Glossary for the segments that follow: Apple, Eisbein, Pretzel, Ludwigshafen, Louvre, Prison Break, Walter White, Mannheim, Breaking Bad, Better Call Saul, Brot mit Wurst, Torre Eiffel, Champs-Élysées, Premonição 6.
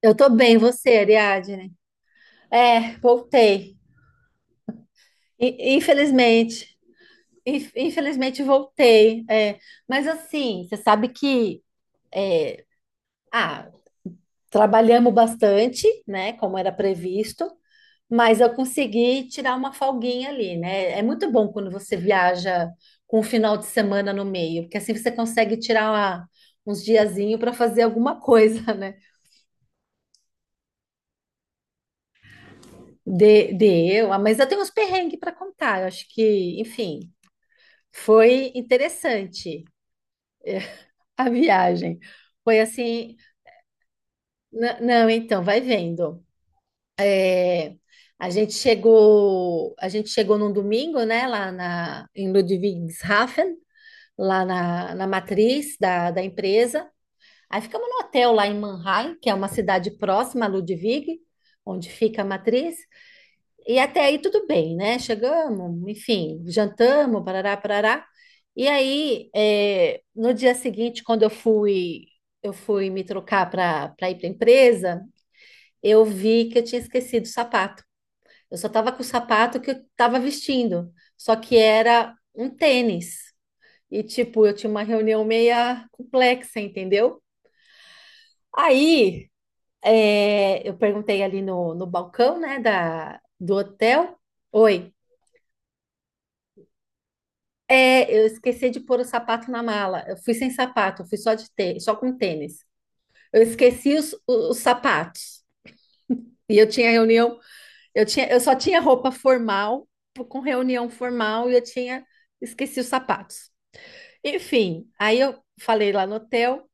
Eu tô bem, você, Ariadne? É, voltei. Infelizmente, infelizmente voltei. É. Mas assim, você sabe que é, ah, trabalhamos bastante, né? Como era previsto, mas eu consegui tirar uma folguinha ali, né? É muito bom quando você viaja com um final de semana no meio, porque assim você consegue tirar uns diazinho para fazer alguma coisa, né? De, de mas eu tenho uns perrengues para contar. Eu acho que, enfim. Foi interessante a viagem. Foi assim, não, então, vai vendo. A gente chegou num domingo, né, lá em Ludwigshafen, lá na matriz da empresa. Aí ficamos no hotel lá em Mannheim, que é uma cidade próxima a Ludwig, onde fica a matriz. E até aí tudo bem, né? Chegamos, enfim, jantamos, parará, parará. E aí, no dia seguinte, quando eu fui me trocar para ir para a empresa, eu vi que eu tinha esquecido o sapato. Eu só estava com o sapato que eu estava vestindo, só que era um tênis. E, tipo, eu tinha uma reunião meia complexa, entendeu? Aí, eu perguntei ali no balcão, né, do hotel. Oi. É, eu esqueci de pôr o sapato na mala. Eu fui sem sapato, eu fui só com tênis. Eu esqueci os sapatos. E eu tinha reunião, eu só tinha roupa formal, com reunião formal, e eu tinha esqueci os sapatos. Enfim, aí eu falei lá no hotel,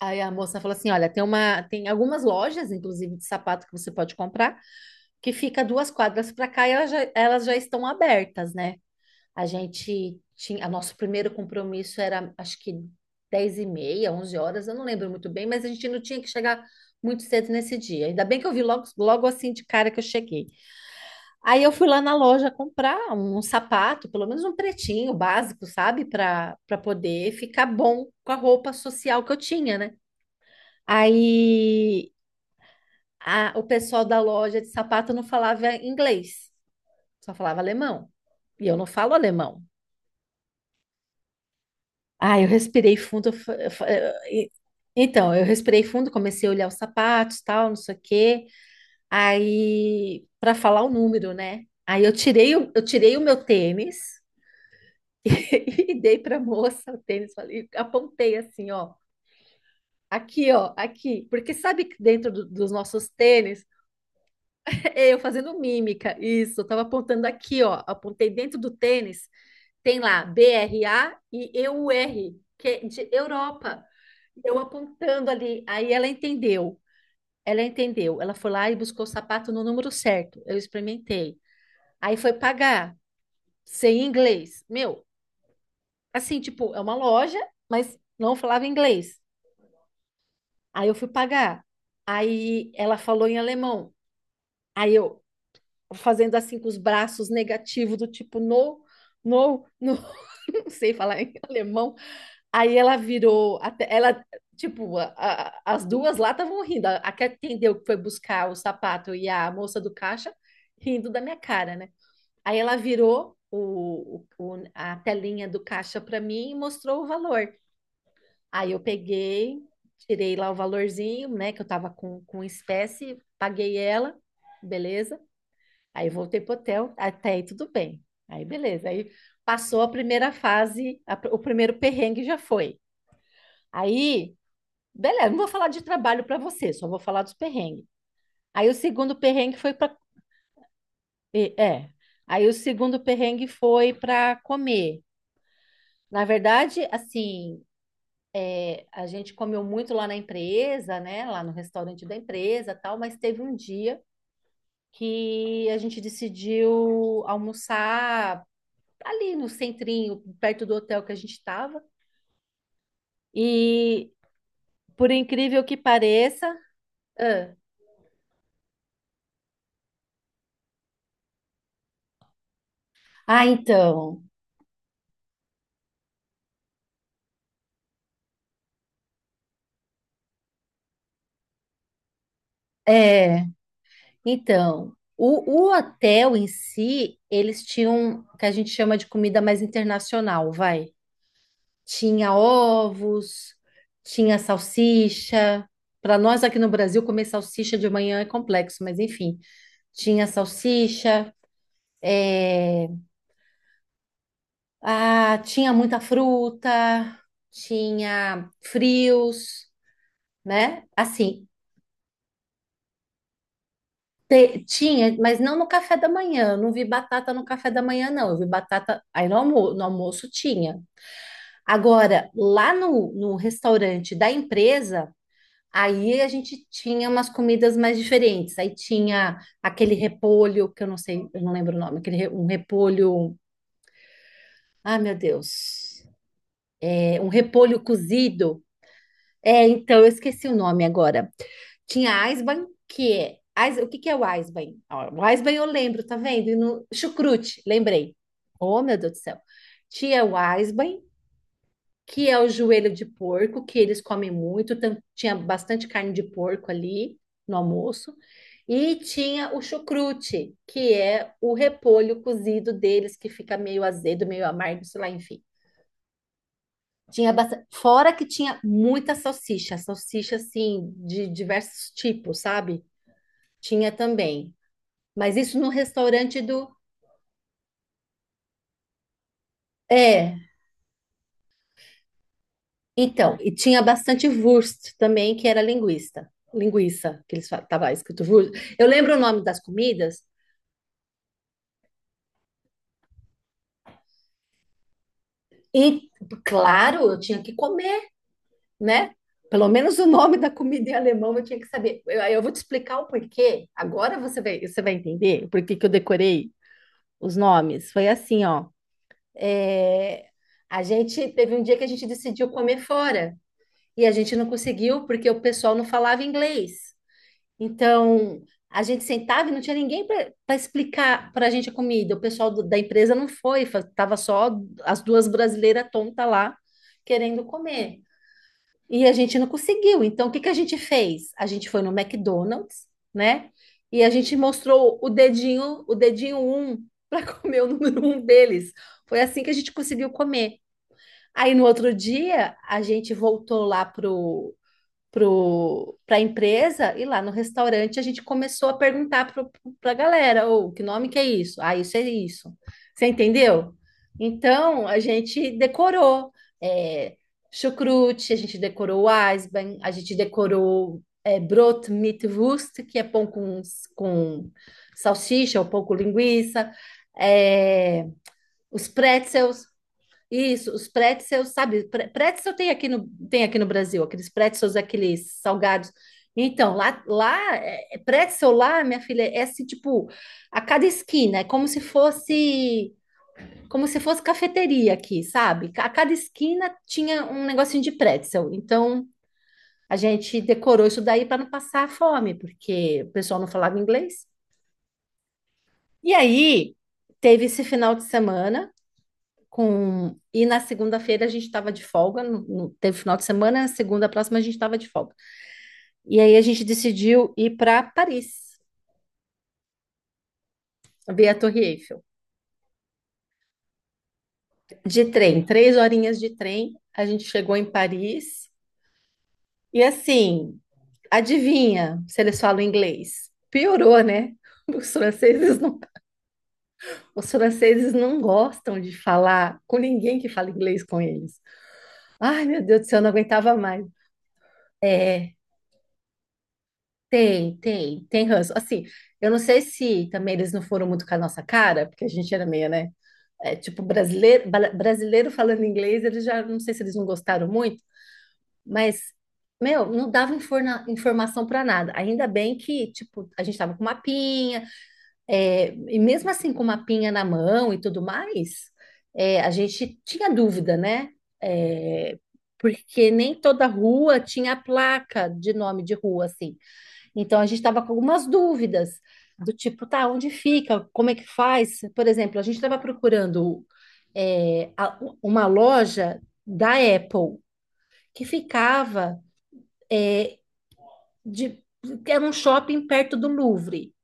aí a moça falou assim: "Olha, tem uma, tem algumas lojas, inclusive de sapato que você pode comprar, que fica duas quadras para cá e elas já estão abertas, né? A nosso primeiro compromisso era, acho que 10h30, 11h, eu não lembro muito bem, mas a gente não tinha que chegar muito cedo nesse dia. Ainda bem que eu vi logo, logo assim de cara que eu cheguei. Aí eu fui lá na loja comprar um sapato, pelo menos um pretinho básico, sabe? Para poder ficar bom com a roupa social que eu tinha, né? Aí o pessoal da loja de sapato não falava inglês, só falava alemão. E eu não falo alemão. Ah, eu respirei fundo. Eu fa- eu fa- eu- e- Então, eu respirei fundo, comecei a olhar os sapatos, tal, não sei o quê. Aí, para falar o número, né? Aí eu tirei o meu tênis e dei para a moça o tênis, falei, apontei assim, ó, aqui, porque sabe que dos nossos tênis, eu fazendo mímica, isso, eu tava apontando aqui, ó, apontei dentro do tênis. Tem lá BRA e EUR, que é de Europa. Eu apontando ali. Aí ela entendeu. Ela entendeu. Ela foi lá e buscou o sapato no número certo. Eu experimentei. Aí foi pagar, sem inglês. Meu, assim, tipo, é uma loja, mas não falava inglês. Aí eu fui pagar. Aí ela falou em alemão. Aí eu fazendo assim com os braços negativos, do tipo, no, no, no. Não sei falar em alemão. Aí ela virou, até, ela, tipo, as duas lá estavam rindo. A que atendeu que foi buscar o sapato e a moça do caixa rindo da minha cara, né? Aí ela virou a telinha do caixa para mim e mostrou o valor. Aí eu peguei, tirei lá o valorzinho, né, que eu tava com espécie, paguei ela, beleza. Aí voltei pro hotel, até aí tudo bem. Aí beleza, aí passou a primeira fase, o primeiro perrengue já foi. Aí beleza, não vou falar de trabalho para você, só vou falar dos perrengues. Aí o segundo perrengue foi para. É. Aí o segundo perrengue foi para comer. Na verdade, assim, a gente comeu muito lá na empresa, né? Lá no restaurante da empresa, tal, mas teve um dia que a gente decidiu almoçar ali no centrinho, perto do hotel que a gente estava. E por incrível que pareça, ah, ah, então, é, Então, o hotel em si, eles tinham o que a gente chama de comida mais internacional, vai. Tinha ovos, tinha salsicha. Para nós aqui no Brasil, comer salsicha de manhã é complexo, mas enfim, tinha salsicha, é, tinha muita fruta, tinha frios, né? Assim, tinha, mas não no café da manhã. Eu não vi batata no café da manhã, não. Eu vi batata aí no almoço tinha. Agora, lá no restaurante da empresa, aí a gente tinha umas comidas mais diferentes. Aí tinha aquele repolho, que eu não sei, eu não lembro o nome, aquele, um repolho. Ai, meu Deus. É, um repolho cozido. É, então, eu esqueci o nome agora. Tinha Eisbein, que é. O que que é o Eisbein? Ó, o Eisbein eu lembro, tá vendo? E no chucrute, lembrei. Oh, meu Deus do céu. Tinha o Eisbein, que é o joelho de porco, que eles comem muito. Tinha bastante carne de porco ali no almoço. E tinha o chucrute, que é o repolho cozido deles, que fica meio azedo, meio amargo, sei lá, enfim. Tinha bastante... Fora que tinha muita salsicha, salsicha assim, de diversos tipos, sabe? Tinha também. Mas isso no restaurante do. É, então, e tinha bastante Wurst também, que era linguista. Linguiça, que eles falam, tava escrito Wurst. Eu lembro o nome das comidas, e claro, eu tinha que comer, né? Pelo menos o nome da comida em alemão eu tinha que saber. Eu vou te explicar o porquê. Agora você vai entender por que que eu decorei os nomes. Foi assim, ó. É, a gente teve um dia que a gente decidiu comer fora e a gente não conseguiu porque o pessoal não falava inglês. Então, a gente sentava e não tinha ninguém para explicar para a gente a comida. O pessoal da empresa não foi, tava só as duas brasileiras tontas lá querendo comer. E a gente não conseguiu. Então, o que que a gente fez? A gente foi no McDonald's, né? E a gente mostrou o dedinho um para comer o número um deles. Foi assim que a gente conseguiu comer. Aí no outro dia, a gente voltou lá pro para a empresa e lá no restaurante a gente começou a perguntar para a galera, ou que nome que é isso? Ah, isso é isso. Você entendeu? Então a gente decorou é, chucrute, a gente decorou Eisbein, a gente decorou Brot mit Wurst, que é pão com salsicha ou pão com linguiça, é, os pretzels, isso, os pretzels, sabe? Pretzel tem aqui no Brasil, aqueles pretzels, aqueles salgados. Então, lá, é pretzel lá, minha filha, é assim, tipo, a cada esquina, é como se fosse cafeteria aqui, sabe? A cada esquina tinha um negocinho de pretzel. Então, a gente decorou isso daí para não passar fome, porque o pessoal não falava inglês. E aí, teve esse final de semana. Com e na segunda-feira a gente estava de folga, teve final de semana, na segunda próxima a gente estava de folga. E aí a gente decidiu ir para Paris, ver a Torre Eiffel. De trem, três horinhas de trem, a gente chegou em Paris. E assim, adivinha se eles falam inglês? Piorou, né? Os franceses não, os franceses não gostam de falar com ninguém que fala inglês com eles. Ai, meu Deus do céu, eu não aguentava mais. É, tem ranço. Assim, eu não sei se também eles não foram muito com a nossa cara, porque a gente era meio, né? É, tipo, brasileiro, brasileiro falando inglês, eles já, não sei se eles não gostaram muito, mas, meu, não dava informação para nada. Ainda bem que, tipo, a gente tava com mapinha, e mesmo assim com mapinha na mão e tudo mais, a gente tinha dúvida, né? É, porque nem toda rua tinha placa de nome de rua, assim. Então a gente estava com algumas dúvidas do tipo, tá, onde fica? Como é que faz? Por exemplo, a gente estava procurando uma loja da Apple que ficava é, de, era um shopping perto do Louvre.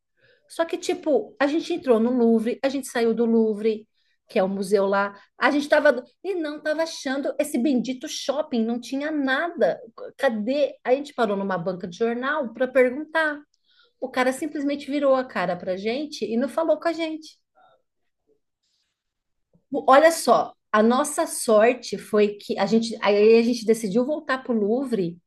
Só que, tipo, a gente entrou no Louvre, a gente saiu do Louvre, que é o museu lá, a gente tava e não tava achando esse bendito shopping, não tinha nada. Cadê? Aí a gente parou numa banca de jornal para perguntar. O cara simplesmente virou a cara pra gente e não falou com a gente. Olha só, a nossa sorte foi que a gente, aí a gente decidiu voltar pro Louvre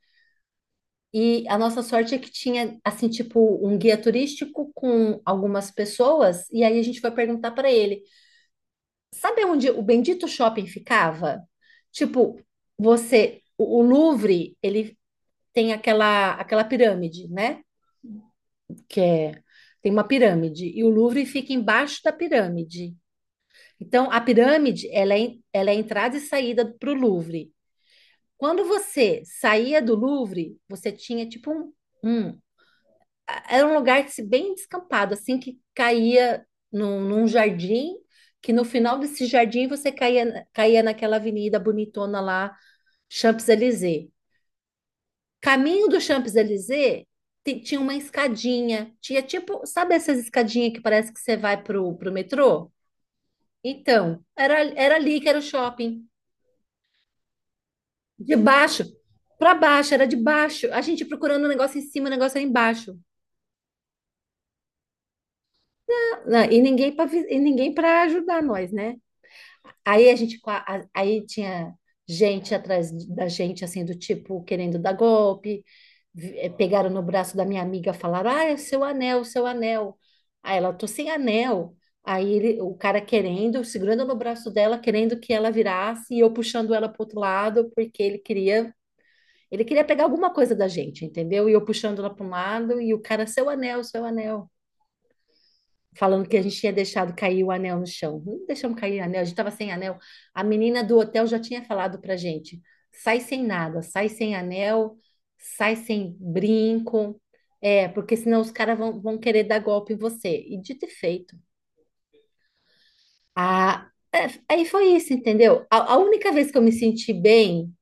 e a nossa sorte é que tinha, assim, tipo, um guia turístico com algumas pessoas, e aí a gente foi perguntar para ele: sabe onde o bendito shopping ficava? Tipo, o Louvre, ele tem aquela pirâmide, né? Que é, Tem uma pirâmide, e o Louvre fica embaixo da pirâmide. Então, a pirâmide, ela é entrada e saída para o Louvre. Quando você saía do Louvre, você tinha tipo um- era um lugar assim, bem descampado, assim que caía num jardim, que no final desse jardim você caía naquela avenida bonitona lá, Champs-Élysées. Caminho do Champs-Élysées tinha uma escadinha, tinha tipo, sabe essas escadinhas que parece que você vai pro metrô? Então, era ali que era o shopping. De baixo para baixo, era de baixo. A gente procurando o negócio em cima, o negócio era embaixo. Não, e ninguém para ajudar nós, né? Aí a gente qua- a- aí tinha gente atrás da gente assim do tipo querendo dar golpe. Pegaram no braço da minha amiga, falaram: "Ah, é seu anel, seu anel". Aí ela: "Tô sem anel". Aí o cara querendo, segurando no braço dela, querendo que ela virasse e eu puxando ela para outro lado, porque ele queria pegar alguma coisa da gente, entendeu? E eu puxando ela para um lado e o cara, seu anel, seu anel. Falando que a gente tinha deixado cair o anel no chão. Não deixamos cair o anel, a gente estava sem anel. A menina do hotel já tinha falado para gente: sai sem nada, sai sem anel, sai sem brinco. É, porque senão os caras vão querer dar golpe em você. E dito e feito. A, é, Aí foi isso, entendeu? A única vez que eu me senti bem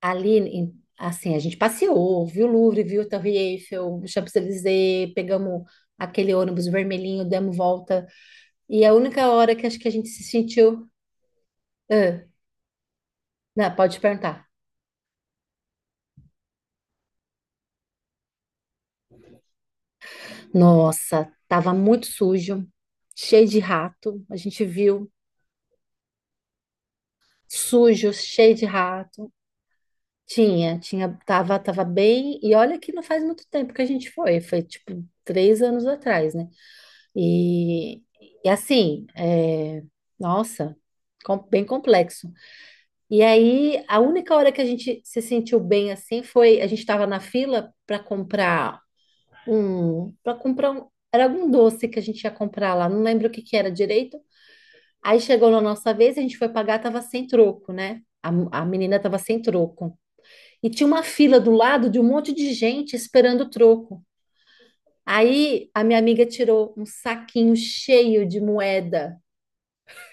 ali, assim, a gente passeou, viu o Louvre, viu a Torre Eiffel, o Champs-Élysées, pegamos aquele ônibus vermelhinho, demos volta. E a única hora que acho que a gente se sentiu. Ah, não, pode perguntar. Nossa, tava muito sujo, cheio de rato. A gente viu sujo, cheio de rato. Tava bem. E olha que não faz muito tempo que a gente foi, foi tipo 3 anos atrás, né? E, e assim, nossa, bem complexo. E aí, a única hora que a gente se sentiu bem assim foi a gente estava na fila para comprar um, era algum doce que a gente ia comprar lá, não lembro o que que era direito. Aí chegou na nossa vez, a gente foi pagar, tava sem troco, né? A menina tava sem troco. E tinha uma fila do lado de um monte de gente esperando o troco. Aí a minha amiga tirou um saquinho cheio de moeda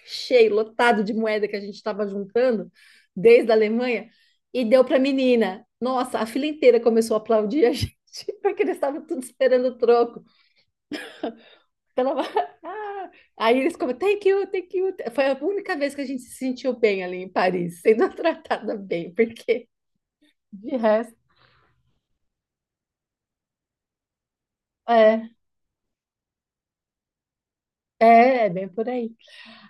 lotado de moeda que a gente estava juntando desde a Alemanha e deu para a menina. Nossa, a fila inteira começou a aplaudir a gente, porque eles estavam tudo esperando o troco. Então, ah, aí eles comentaram, thank you, thank you. Foi a única vez que a gente se sentiu bem ali em Paris, sendo tratada bem, porque de resto, é, é bem por aí.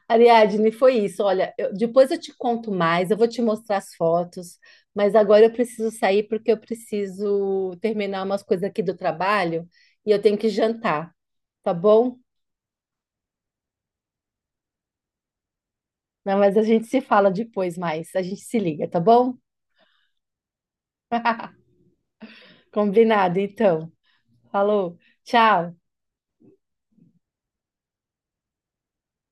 Ariadne, foi isso. Olha, depois eu te conto mais, eu vou te mostrar as fotos, mas agora eu preciso sair porque eu preciso terminar umas coisas aqui do trabalho e eu tenho que jantar, tá bom? Não, mas a gente se fala depois mais, a gente se liga, tá bom? Combinado, então. Falou, tchau.